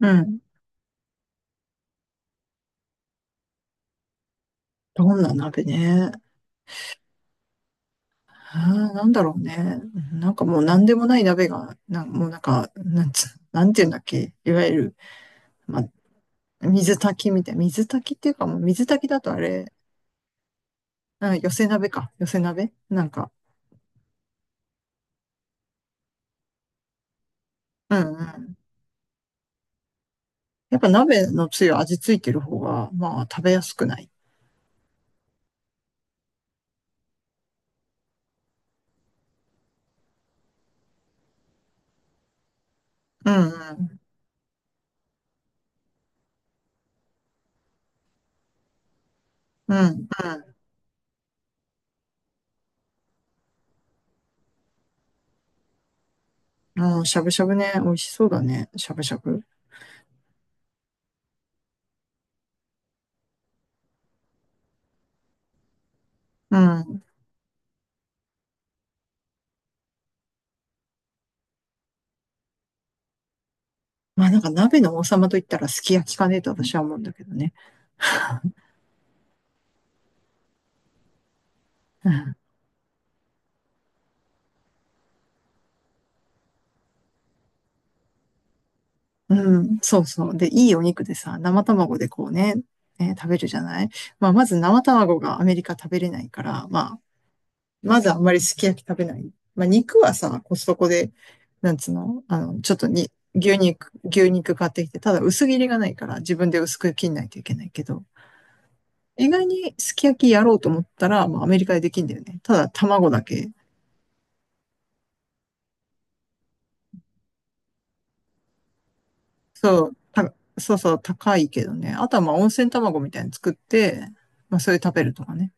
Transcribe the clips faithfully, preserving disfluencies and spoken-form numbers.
うん。どんな鍋ね。あーなんだろうね。なんかもう何でもない鍋が、な、もうなんか、なんつ、なんていうんだっけ。いわゆる、まあ、水炊きみたい。水炊きっていうかもう水炊きだとあれ、うん、寄せ鍋か。寄せ鍋なんか、うんうん。やっぱ鍋のつゆ味ついてる方が、まあ食べやすくない？うんうん。うんうん。うん、しゃぶしゃぶね。美味しそうだね。しゃぶしゃぶ。うん。まあなんか鍋の王様と言ったらすき焼きかねえと私は思うんだけどね。うん、そうそう。で、いいお肉でさ、生卵でこうね、えー食べるじゃない。まあ、まず生卵がアメリカ食べれないから、まあ、まずあんまりすき焼き食べない。まあ、肉はさ、コストコで、なんつうの、あの、ちょっとに、牛肉、牛肉買ってきて、ただ薄切りがないから自分で薄く切んないといけないけど、意外にすき焼きやろうと思ったら、まあ、アメリカでできんだよね。ただ卵だけ。そう、た、そうそう、高いけどね。あとはまあ温泉卵みたいに作って、まあ、それ食べるとかね。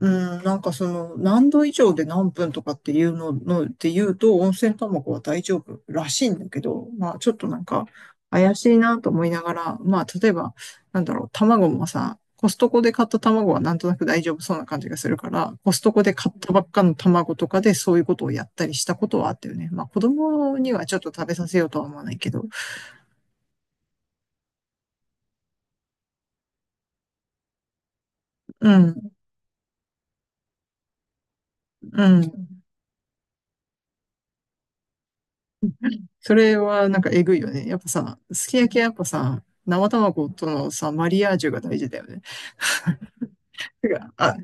うん、なんかその何度以上で何分とかっていうののって言うと温泉卵は大丈夫らしいんだけど、まあちょっとなんか怪しいなと思いながら、まあ例えばなんだろう、卵もさ、コストコで買った卵はなんとなく大丈夫そうな感じがするから、コストコで買ったばっかの卵とかでそういうことをやったりしたことはあったよね。まあ子供にはちょっと食べさせようとは思わないけど。うん、うん、それはなんかえぐいよね。やっぱさ、すき焼きはやっぱさ、生卵とのさ、マリアージュが大事だよね。てか、あ、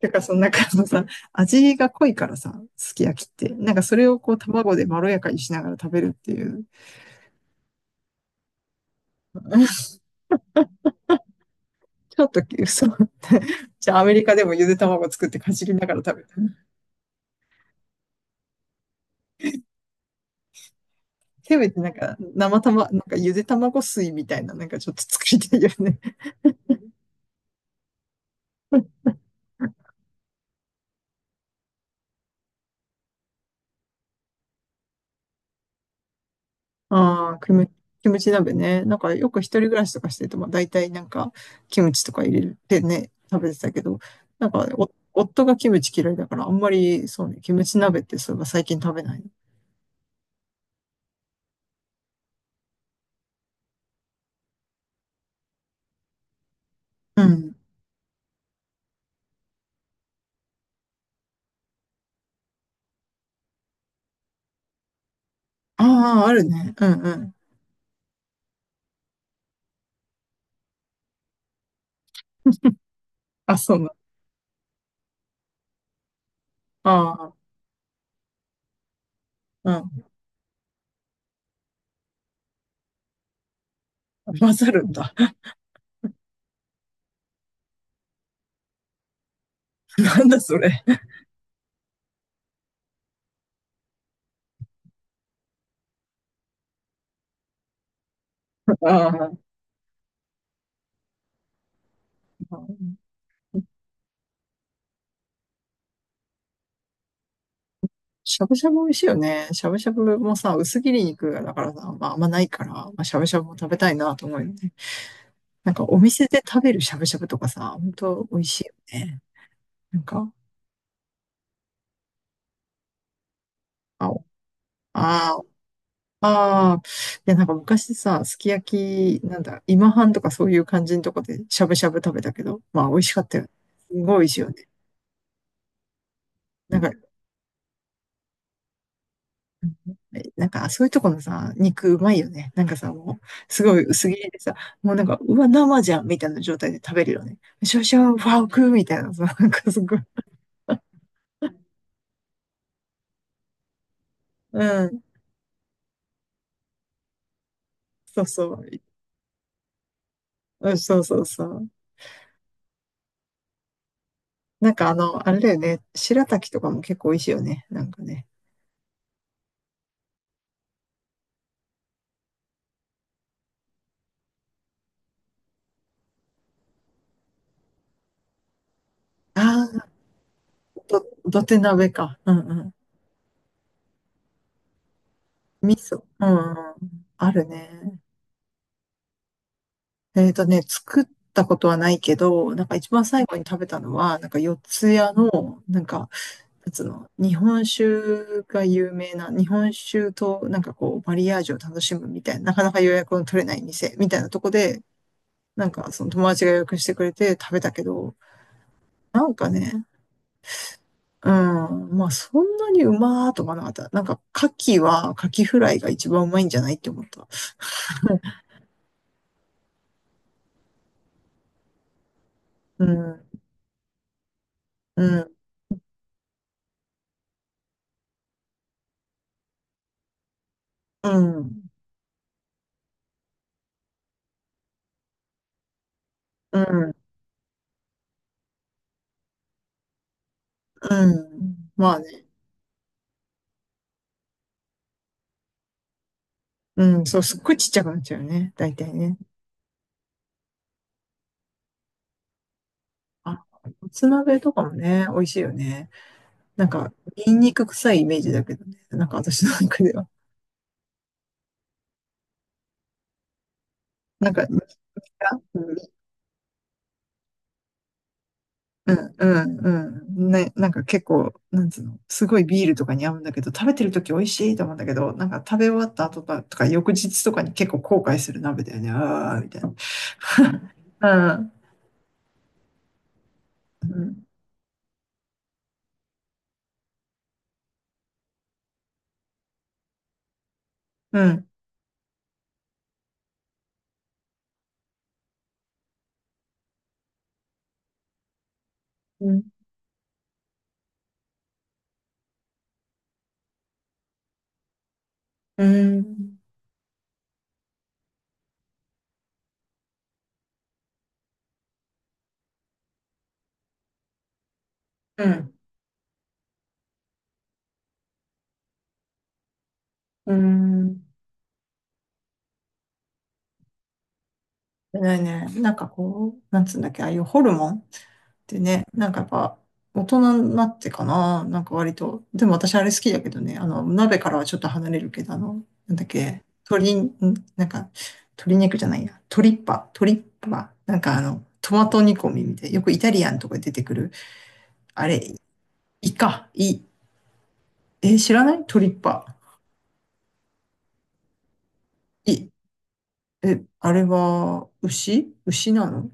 てかその中のさ、味が濃いからさ、すき焼きって。なんかそれをこう卵でまろやかにしながら食べるっていう。ちょっと、そう。じゃあアメリカでもゆで卵作ってかじりながら食べる。せめてなんか生卵、なんかゆで卵水みたいななんかちょっと作りたいよね。ああ、キム、キムチ鍋ね。なんかよく一人暮らしとかしてると、まあ大体なんかキムチとか入れてね、食べてたけど、なんかお夫がキムチ嫌いだからあんまりそうね、キムチ鍋ってそういえば最近食べない。うん。ああ、あるね。うんうん。あ、そうな。ああ、うん。混ざるんだ。なんだそれ。ああ、しゃぶしゃぶ美味しいよね。しゃぶしゃぶもさ、薄切り肉だからさ、まああんまないから、まあ、しゃぶしゃぶも食べたいなと思うよね。なんかお店で食べるしゃぶしゃぶとかさ、本当美味しいよね。なんか、あお、あーあー、いやなんか昔さ、すき焼き、なんだ、今半とかそういう感じのとこでしゃぶしゃぶ食べたけど、まあ美味しかったよね。すごい美味しいよね。なんか、えなんかそういうとこのさ、肉うまいよね。なんかさ、もう、すごい薄切りでさ、もうなんか、うわ、生じゃんみたいな状態で食べるよね。シャシャ、ファークみたいなさ、なんかすごい。うん。そうそう。うんそうそうそう。なんかあの、あれだよね。白滝とかも結構美味しいよね。なんかね。ああ、ど、土手鍋か。うんうん。味噌。うんうん。あるね。えっとね、作ったことはないけど、なんか一番最後に食べたのは、なんか四ツ谷の、なんか、なんつうの、日本酒が有名な、日本酒となんかこう、マリアージュを楽しむみたいな、なかなか予約の取れない店みたいなとこで、なんかその友達が予約してくれて食べたけど、なんかね、うん。まあ、そんなにうまーとかなかった。なんか、牡蠣は、牡蠣フライが一番うまいんじゃないって思った。うん、うん、うん、うん、うん。まあね。うん、そう、すっごいちっちゃくなっちゃうよね。大体ね。あ、もつ鍋とかもね、美味しいよね。なんか、ニンニク臭いイメージだけどね。なんか私の中では。なんか、肉が、うんうんうん。ね、なんか結構、なんつうの、すごいビールとかに合うんだけど、食べてる時美味しいと思うんだけど、なんか食べ終わった後とか、とか翌日とかに結構後悔する鍋だよね。ああ、みたいな。うん。うん。うん。うん。うん。うん。うんないね。なんかこう、なんつうんだっけ、ああいうホルモンでね、なんかやっぱ、大人になってかな、なんか割と。でも私あれ好きだけどね、あの、鍋からはちょっと離れるけど、あの、なんだっけ、鶏、んなんか、鶏肉じゃないや、トリッパ、トリッパ、なんかあの、トマト煮込みみたいな、よくイタリアンとかで出てくる、あれ、イカ、イ、え、知らないトリッパ？イ、え、あれは、牛牛なの？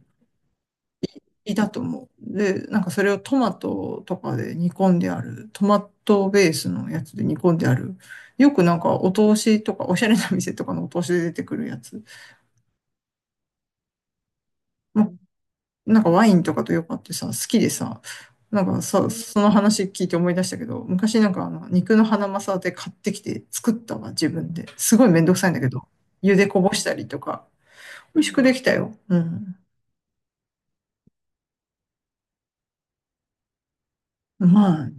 いたと思う。で、なんかそれをトマトとかで煮込んである、トマトベースのやつで煮込んである、よくなんかお通しとか、おしゃれな店とかのお通しで出てくるやつ、ま、なんかワインとかとよくあってさ、好きでさ、なんかさ、その話聞いて思い出したけど、昔なんかあの肉のハナマサで買ってきて作ったわ、自分で。すごいめんどくさいんだけど、茹でこぼしたりとか、美味しくできたよ。うん。まあ、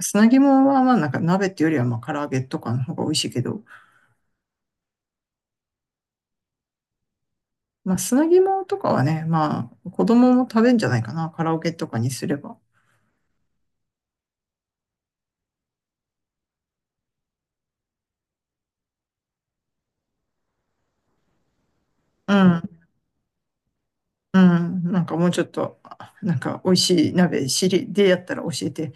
砂肝はまあなんか鍋っていうよりはまあ唐揚げとかの方が美味しいけど、まあ、砂肝とかはね、まあ、子供も食べんじゃないかな、カラオケとかにすれば。うん、うん、なんかもうちょっと、あなんか美味しい鍋知りでやったら教えて。